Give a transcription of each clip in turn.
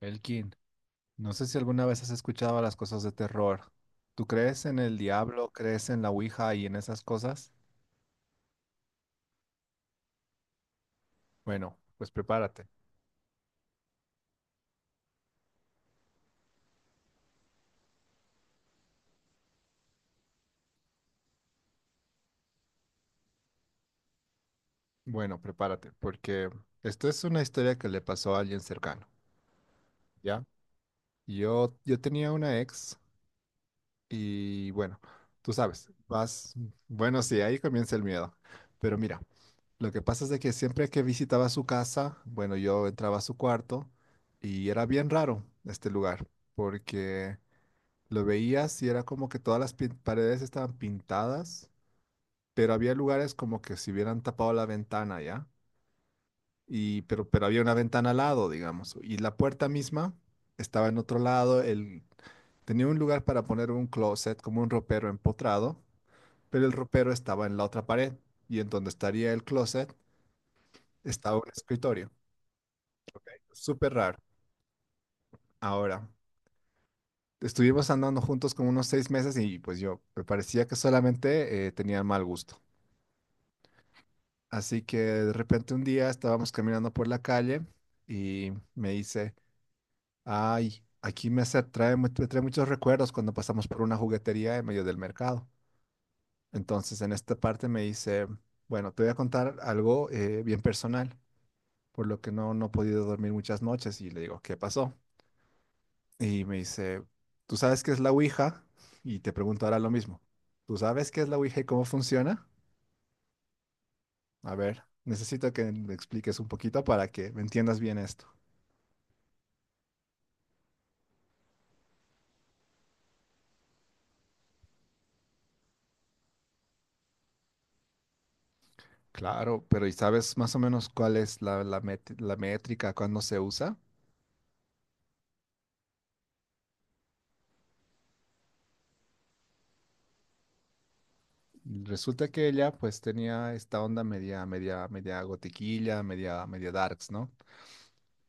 Elkin, no sé si alguna vez has escuchado las cosas de terror. ¿Tú crees en el diablo, crees en la Ouija y en esas cosas? Bueno, pues prepárate. Bueno, prepárate, porque esto es una historia que le pasó a alguien cercano, ¿ya? Yo tenía una ex y bueno, tú sabes, vas, bueno, sí, ahí comienza el miedo. Pero mira, lo que pasa es de que siempre que visitaba su casa, bueno, yo entraba a su cuarto y era bien raro este lugar, porque... Lo veías y era como que todas las paredes estaban pintadas, pero había lugares como que si hubieran tapado la ventana, ¿ya? Y, pero había una ventana al lado, digamos, y la puerta misma estaba en otro lado, el, tenía un lugar para poner un closet, como un ropero empotrado, pero el ropero estaba en la otra pared, y en donde estaría el closet estaba un escritorio. Súper raro. Ahora, estuvimos andando juntos como unos 6 meses y pues yo me parecía que solamente tenía mal gusto. Así que de repente un día estábamos caminando por la calle y me dice, ay, aquí trae, me trae muchos recuerdos cuando pasamos por una juguetería en medio del mercado. Entonces en esta parte me dice, bueno, te voy a contar algo bien personal, por lo que no he podido dormir muchas noches y le digo, ¿qué pasó? Y me dice, ¿tú sabes qué es la Ouija? Y te pregunto ahora lo mismo, ¿tú sabes qué es la Ouija y cómo funciona? A ver, necesito que me expliques un poquito para que me entiendas bien esto. Claro, pero ¿y sabes más o menos cuál es la métrica cuando se usa? Resulta que ella pues tenía esta onda media, media, media gotiquilla, media, media darks, ¿no?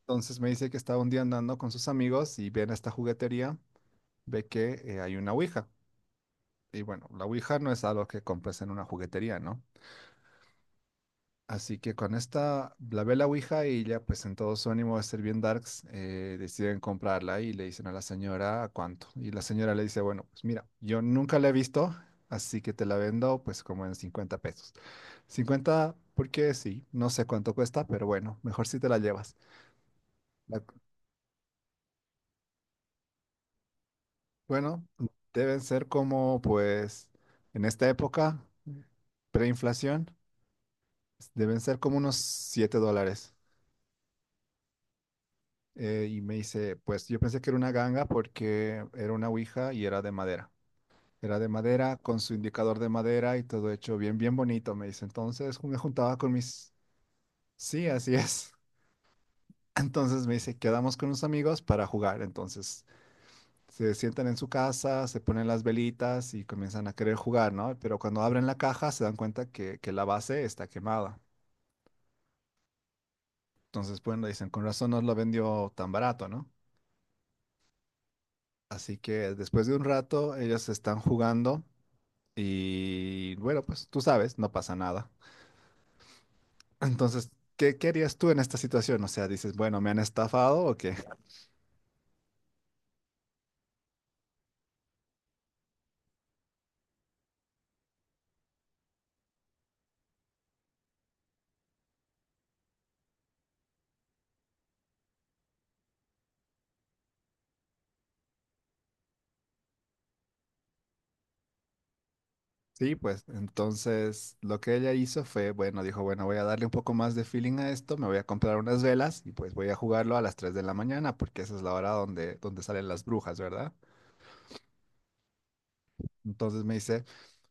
Entonces me dice que estaba un día andando con sus amigos y viene a esta juguetería, ve que hay una ouija. Y bueno, la ouija no es algo que compres en una juguetería, ¿no? Así que con esta, la ve la Ouija y ya pues en todo su ánimo de ser bien darks, deciden comprarla y le dicen a la señora "¿A cuánto? Y la señora le dice, bueno, pues mira, yo nunca la he visto, así que te la vendo pues como en 50 pesos. Cincuenta porque sí, no sé cuánto cuesta, pero bueno, mejor si te la llevas." La- bueno, deben ser como pues en esta época, preinflación, deben ser como unos $7. Y me dice, pues yo pensé que era una ganga porque era una ouija y era de madera. Era de madera con su indicador de madera y todo hecho bien, bien bonito, me dice. Entonces me juntaba con mis... Sí, así es. Entonces me dice, quedamos con unos amigos para jugar. Entonces se sientan en su casa, se ponen las velitas y comienzan a querer jugar, ¿no? Pero cuando abren la caja se dan cuenta que la base está quemada. Entonces, bueno, dicen, con razón nos lo vendió tan barato, ¿no? Así que después de un rato ellos están jugando. Y bueno, pues tú sabes, no pasa nada. Entonces, qué harías tú en esta situación? O sea, dices, bueno, ¿me han estafado o qué? Sí, pues entonces lo que ella hizo fue, bueno, dijo, bueno, voy a darle un poco más de feeling a esto, me voy a comprar unas velas y pues voy a jugarlo a las 3 de la mañana porque esa es la hora donde salen las brujas, ¿verdad? Entonces me dice,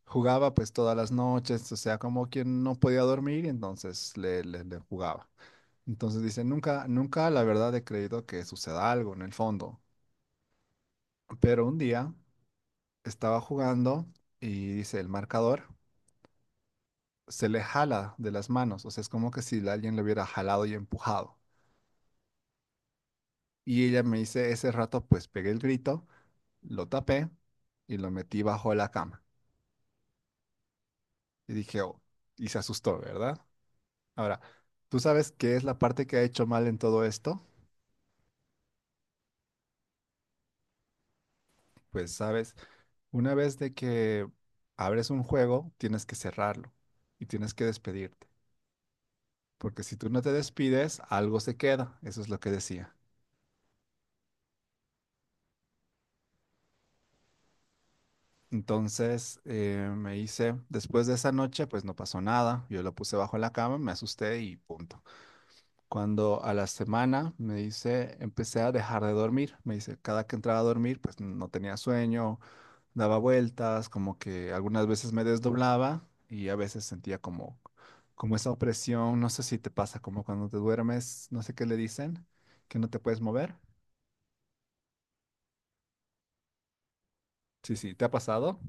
jugaba pues todas las noches, o sea, como quien no podía dormir y entonces le jugaba. Entonces dice, nunca la verdad he creído que suceda algo en el fondo. Pero un día estaba jugando y dice, el marcador se le jala de las manos, o sea, es como que si alguien le hubiera jalado y empujado. Y ella me dice, ese rato pues pegué el grito, lo tapé y lo metí bajo la cama. Y dije, oh, y se asustó, ¿verdad? Ahora, ¿tú sabes qué es la parte que ha hecho mal en todo esto? Pues sabes, una vez de que abres un juego, tienes que cerrarlo y tienes que despedirte. Porque si tú no te despides, algo se queda. Eso es lo que decía. Entonces me dice, después de esa noche, pues no pasó nada. Yo lo puse bajo la cama, me asusté y punto. Cuando a la semana me dice, empecé a dejar de dormir. Me dice, cada que entraba a dormir, pues no tenía sueño, daba vueltas, como que algunas veces me desdoblaba y a veces sentía como esa opresión. No sé si te pasa, como cuando te duermes, no sé qué le dicen, que no te puedes mover. Sí, sí, ¿te ha pasado?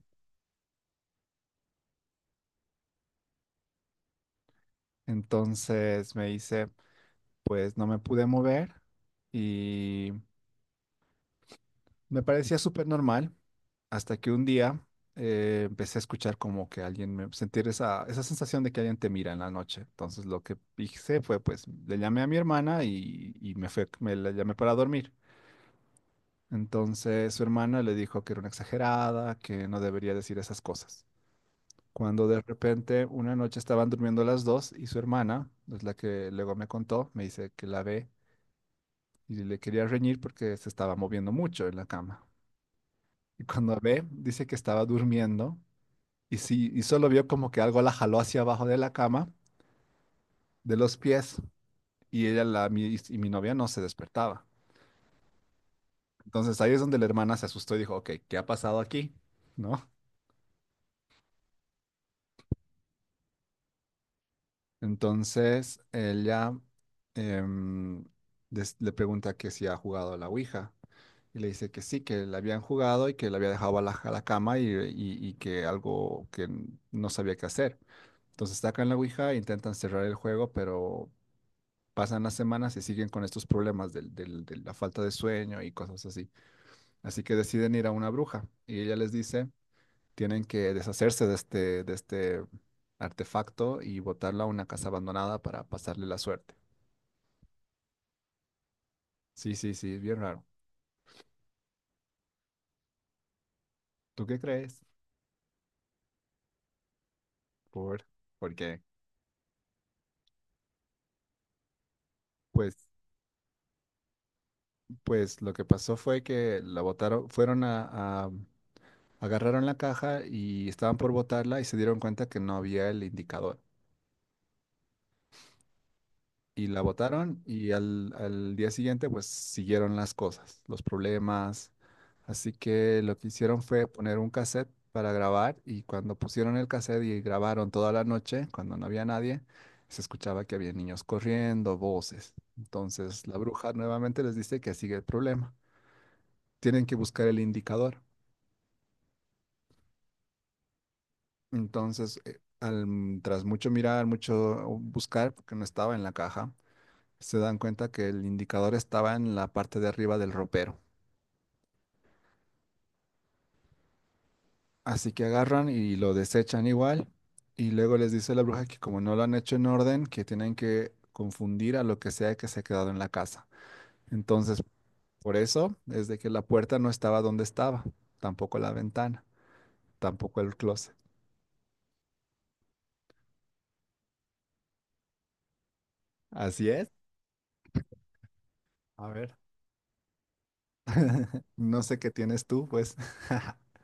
Entonces me dice pues no me pude mover y me parecía súper normal hasta que un día empecé a escuchar como que alguien me sentir esa sensación de que alguien te mira en la noche. Entonces lo que hice fue pues le llamé a mi hermana y me fue, me la llamé para dormir. Entonces su hermana le dijo que era una exagerada, que no debería decir esas cosas. Cuando de repente una noche estaban durmiendo las dos y su hermana, es la que luego me contó, me dice que la ve y le quería reñir porque se estaba moviendo mucho en la cama. Y cuando ve, dice que estaba durmiendo y sí, y solo vio como que algo la jaló hacia abajo de la cama, de los pies, y ella la, y mi novia no se despertaba. Entonces ahí es donde la hermana se asustó y dijo, ok, ¿qué ha pasado aquí? ¿No? Entonces ella em, le pregunta que si ha jugado a la Ouija. Y le dice que sí, que la habían jugado y que la había dejado a la cama y que algo que no sabía qué hacer. Entonces sacan la Ouija, e intentan cerrar el juego, pero pasan las semanas y siguen con estos problemas de la falta de sueño y cosas así. Así que deciden ir a una bruja y ella les dice, tienen que deshacerse de este artefacto y botarla a una casa abandonada para pasarle la suerte. Sí, sí, sí, es bien raro. ¿Tú qué crees? ¿Por, por qué? Pues, pues lo que pasó fue que la botaron, fueron a, a- agarraron la caja y estaban por botarla y se dieron cuenta que no había el indicador. Y la votaron y al día siguiente pues siguieron las cosas, los problemas. Así que lo que hicieron fue poner un cassette para grabar y cuando pusieron el cassette y grabaron toda la noche, cuando no había nadie, se escuchaba que había niños corriendo, voces. Entonces la bruja nuevamente les dice que sigue el problema. Tienen que buscar el indicador. Entonces, tras mucho mirar, mucho buscar, porque no estaba en la caja, se dan cuenta que el indicador estaba en la parte de arriba del ropero. Así que agarran y lo desechan igual. Y luego les dice la bruja que como no lo han hecho en orden, que tienen que confundir a lo que sea que se ha quedado en la casa. Entonces, por eso es de que la puerta no estaba donde estaba, tampoco la ventana, tampoco el closet. Así es. A ver. No sé qué tienes tú, pues.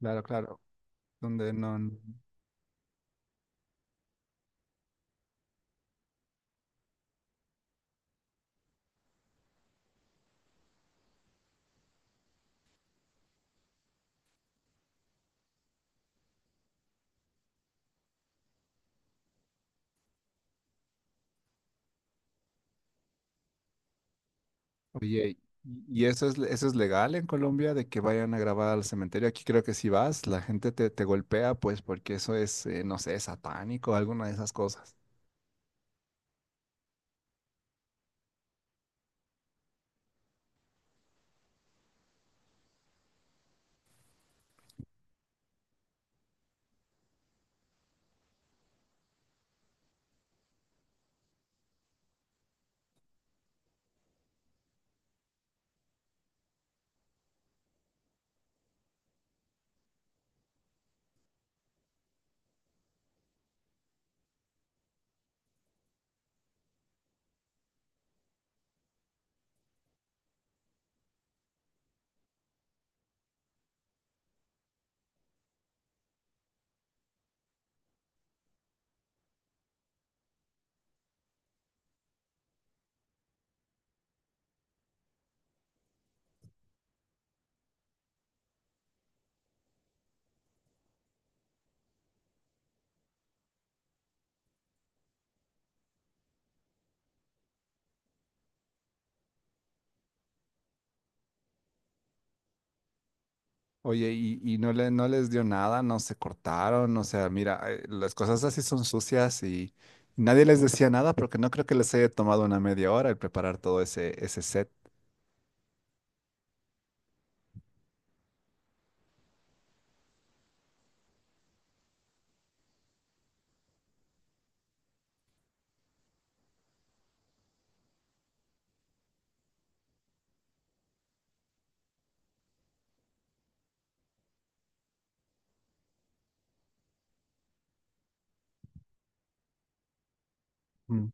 Claro, claro. Donde no. No. Oye, ¿y eso es, legal en Colombia de que vayan a grabar al cementerio? Aquí creo que si vas, la gente te golpea, pues porque eso es, no sé, satánico, alguna de esas cosas. Oye, y no le, no les dio nada, no se cortaron, o sea, mira, las cosas así son sucias y nadie les decía nada porque no creo que les haya tomado una media hora el preparar todo ese, set. Mm.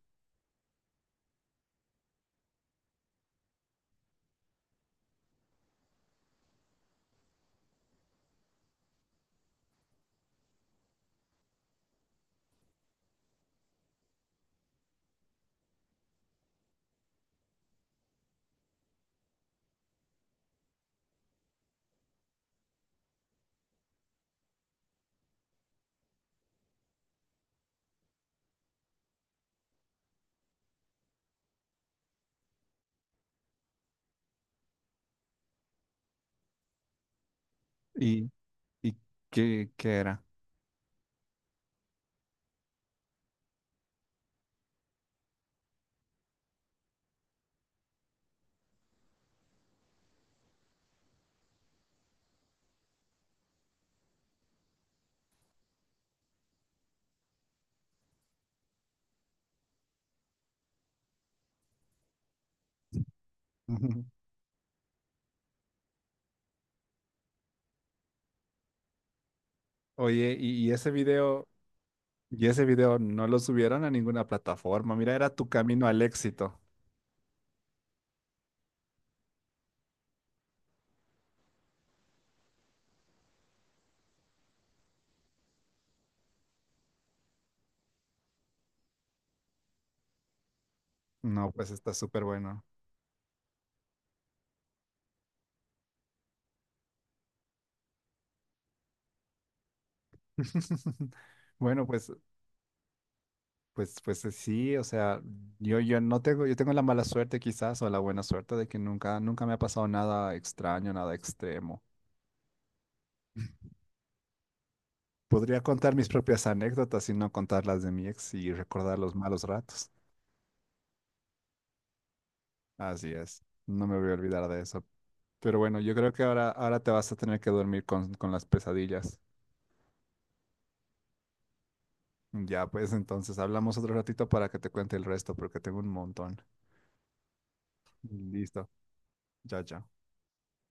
¿Y, y qué era? Oye, ¿y ese video? Y ese video no lo subieron a ninguna plataforma. Mira, era tu camino al éxito. No, pues está súper bueno. Bueno, pues, pues sí, o sea, yo no tengo, yo tengo la mala suerte quizás o la buena suerte de que nunca, nunca me ha pasado nada extraño, nada extremo. Podría contar mis propias anécdotas y no contar las de mi ex y recordar los malos ratos. Así es, no me voy a olvidar de eso. Pero bueno, yo creo que ahora, ahora te vas a tener que dormir con, las pesadillas. Ya, pues entonces hablamos otro ratito para que te cuente el resto, porque tengo un montón. Listo, ya, ya.